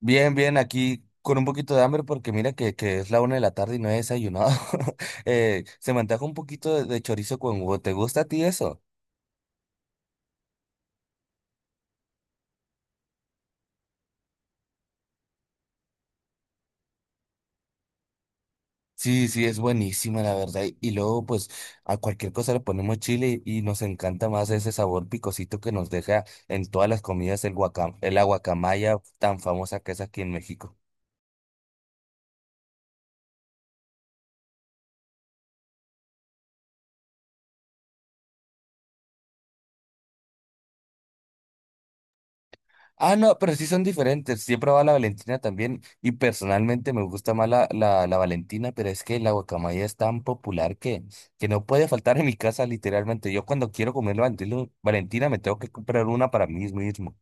Bien, bien, aquí con un poquito de hambre porque mira que es la una de la tarde y no he desayunado. Se me antoja un poquito de chorizo con huevo. ¿Te gusta a ti eso? Sí, sí, es buenísima la verdad. Y luego pues a cualquier cosa le ponemos chile y nos encanta más ese sabor picosito que nos deja en todas las comidas el el aguacamaya tan famosa que es aquí en México. Ah, no, pero sí son diferentes. Sí he probado la Valentina también y personalmente me gusta más la Valentina, pero es que la guacamaya es tan popular que no puede faltar en mi casa literalmente. Yo cuando quiero comer la Valentina me tengo que comprar una para mí mismo.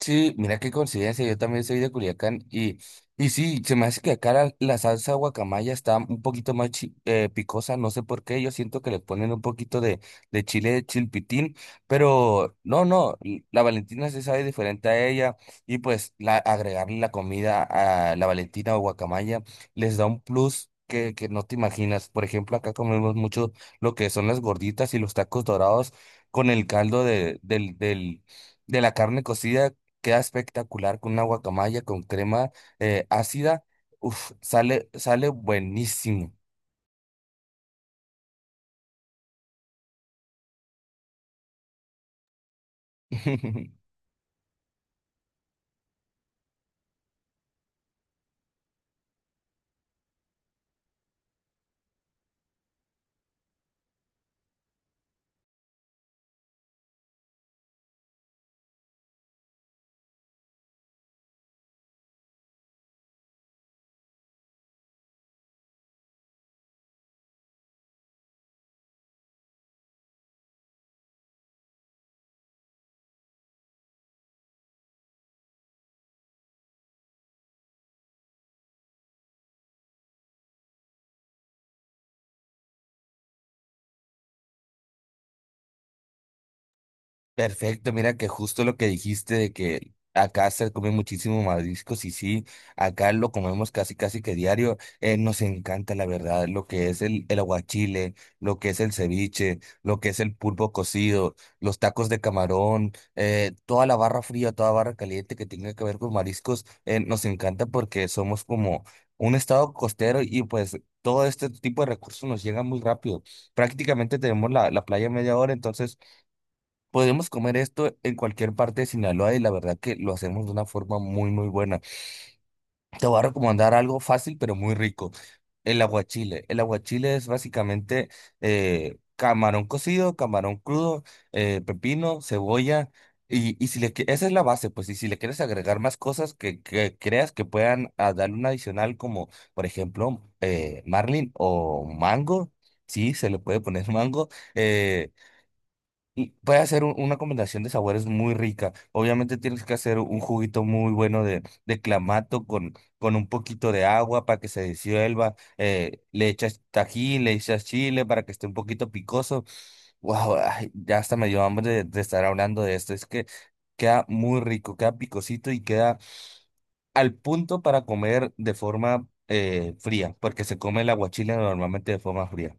Sí, mira qué coincidencia, yo también soy de Culiacán y sí, se me hace que acá la salsa guacamaya está un poquito más picosa, no sé por qué, yo siento que le ponen un poquito de chile de chilpitín, pero no, no, la Valentina se sabe diferente a ella y pues la, agregarle la comida a la Valentina o guacamaya les da un plus. Que no te imaginas. Por ejemplo, acá comemos mucho lo que son las gorditas y los tacos dorados con el caldo del de la carne cocida. Queda espectacular con una guacamaya con crema ácida. Uf, sale buenísimo. Perfecto, mira que justo lo que dijiste de que acá se come muchísimo mariscos y sí, acá lo comemos casi casi que diario, nos encanta la verdad, lo que es el aguachile, lo que es el ceviche, lo que es el pulpo cocido, los tacos de camarón, toda la barra fría, toda barra caliente que tenga que ver con mariscos, nos encanta porque somos como un estado costero y pues todo este tipo de recursos nos llegan muy rápido. Prácticamente tenemos la playa a media hora, entonces... podemos comer esto en cualquier parte de Sinaloa y la verdad que lo hacemos de una forma muy, muy buena. Te voy a recomendar algo fácil pero muy rico. El aguachile. El aguachile es básicamente camarón cocido, camarón crudo, pepino, cebolla. Y si esa es la base, pues, y si le quieres agregar más cosas que creas que puedan darle un adicional, como por ejemplo marlin o mango, sí, se le puede poner mango. eh, y puede hacer una combinación de sabores muy rica. Obviamente tienes que hacer un juguito muy bueno de clamato con un poquito de agua para que se disuelva. Le echas tajín, le echas chile para que esté un poquito picoso. Wow, ay, ya hasta me dio hambre de estar hablando de esto. Es que queda muy rico, queda picosito y queda al punto para comer de forma fría, porque se come el aguachile normalmente de forma fría.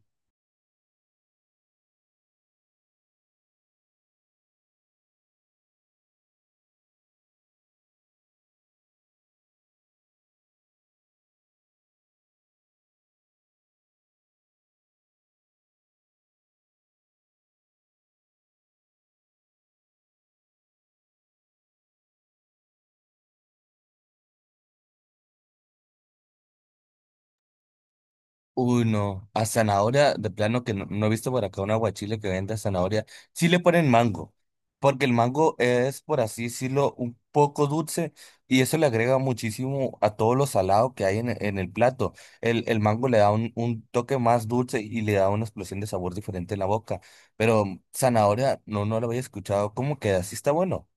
Uy, no. A zanahoria, de plano que no, no he visto por acá un aguachile que venda zanahoria. Sí le ponen mango, porque el mango es, por así decirlo, un poco dulce y eso le agrega muchísimo a todo lo salado que hay en el plato. El mango le da un toque más dulce y le da una explosión de sabor diferente en la boca. Pero zanahoria, no, no lo había escuchado. ¿Cómo queda? ¿Sí está bueno?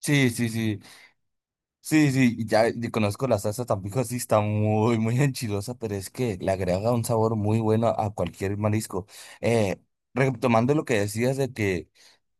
Sí, sí, sí. Sí, sí, y ya y conozco la salsa Tampico, sí está muy, muy enchilosa, pero es que le agrega un sabor muy bueno a cualquier marisco. Eh, Retomando lo que decías de que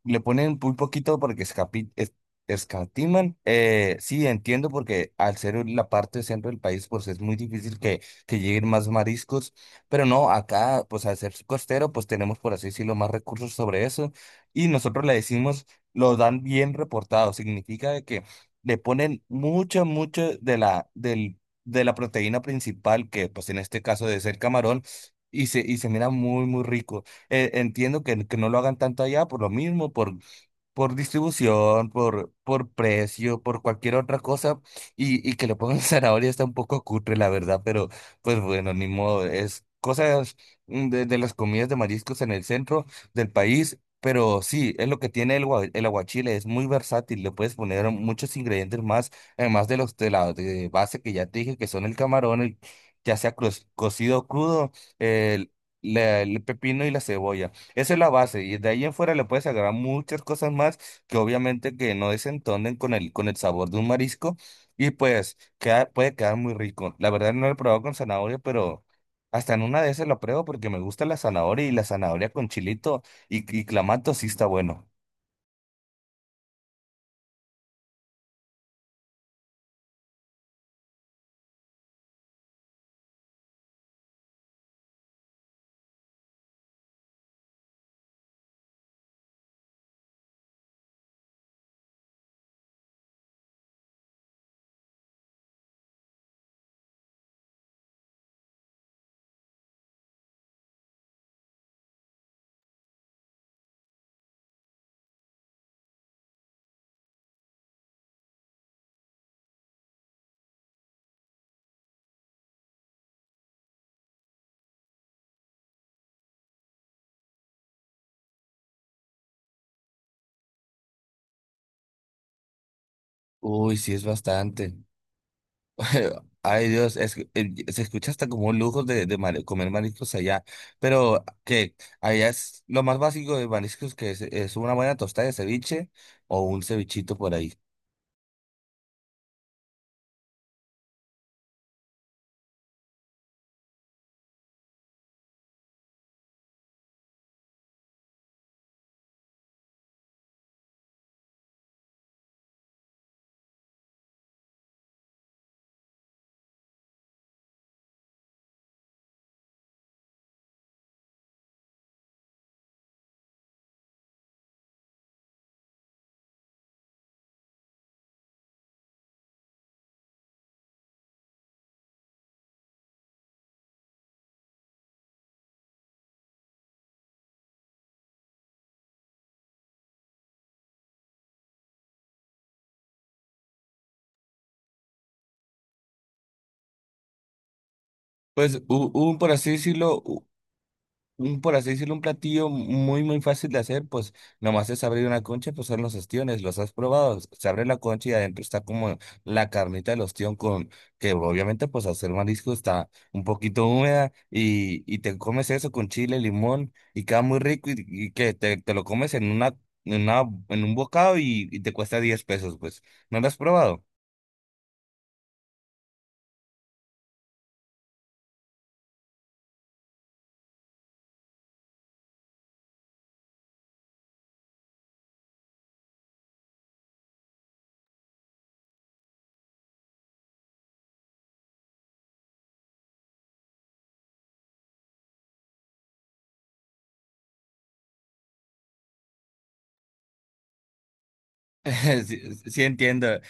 le ponen muy poquito porque escatiman. Sí, entiendo porque al ser la parte centro del país, pues es muy difícil que lleguen más mariscos. Pero no, acá, pues al ser costero, pues tenemos, por así decirlo, más recursos sobre eso. Y nosotros le decimos, lo dan bien reportado. Significa de que le ponen mucho, mucho de de la proteína principal, que pues en este caso debe ser camarón, y se mira muy, muy rico. Entiendo que no lo hagan tanto allá por lo mismo, por distribución, por precio, por cualquier otra cosa, y que le pongan zanahoria está un poco cutre, la verdad, pero pues bueno, ni modo, es cosas de las comidas de mariscos en el centro del país, pero sí, es lo que tiene el aguachile, es muy versátil, le puedes poner muchos ingredientes más, además de los de la de base que ya te dije, que son el camarón, ya sea cocido o crudo, el, el pepino y la cebolla. Esa es la base y de ahí en fuera le puedes agregar muchas cosas más que obviamente que no desentonen con con el sabor de un marisco y pues queda, puede quedar muy rico. La verdad no lo he probado con zanahoria, pero hasta en una de esas lo pruebo porque me gusta la zanahoria y la zanahoria con chilito y clamato sí está bueno. Uy, sí es bastante. Ay Dios, se escucha hasta como un lujo de comer mariscos allá, pero que allá es lo más básico de mariscos que es una buena tostada de ceviche o un cevichito por ahí. Por así decirlo, por así decirlo, un platillo muy, muy fácil de hacer, pues nomás es abrir una concha, pues son los ostiones, los has probado, se abre la concha y adentro está como la carnita del ostión con, que obviamente pues hacer marisco está un poquito húmeda y te comes eso con chile, limón y queda muy rico y que te lo comes en una, en una, en un bocado y te cuesta 10 pesos, pues, ¿no lo has probado? Sí, sí entiendo.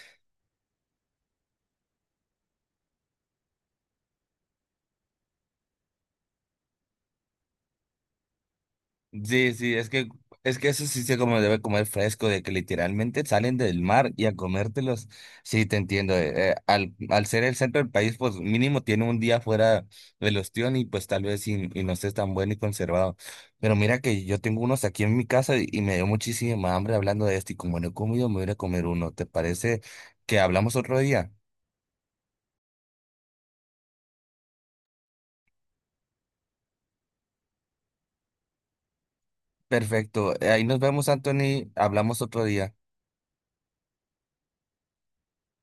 Sí, sí, es que eso sí se como debe comer fresco, de que literalmente salen del mar y a comértelos. Sí, te entiendo. Al ser el centro del país, pues mínimo tiene un día fuera del ostión y pues tal vez y no esté tan bueno y conservado. Pero mira que yo tengo unos aquí en mi casa y me dio muchísima hambre hablando de esto y como no he comido, me voy a ir a comer uno. ¿Te parece que hablamos otro día? Perfecto. Ahí nos vemos, Anthony. Hablamos otro día.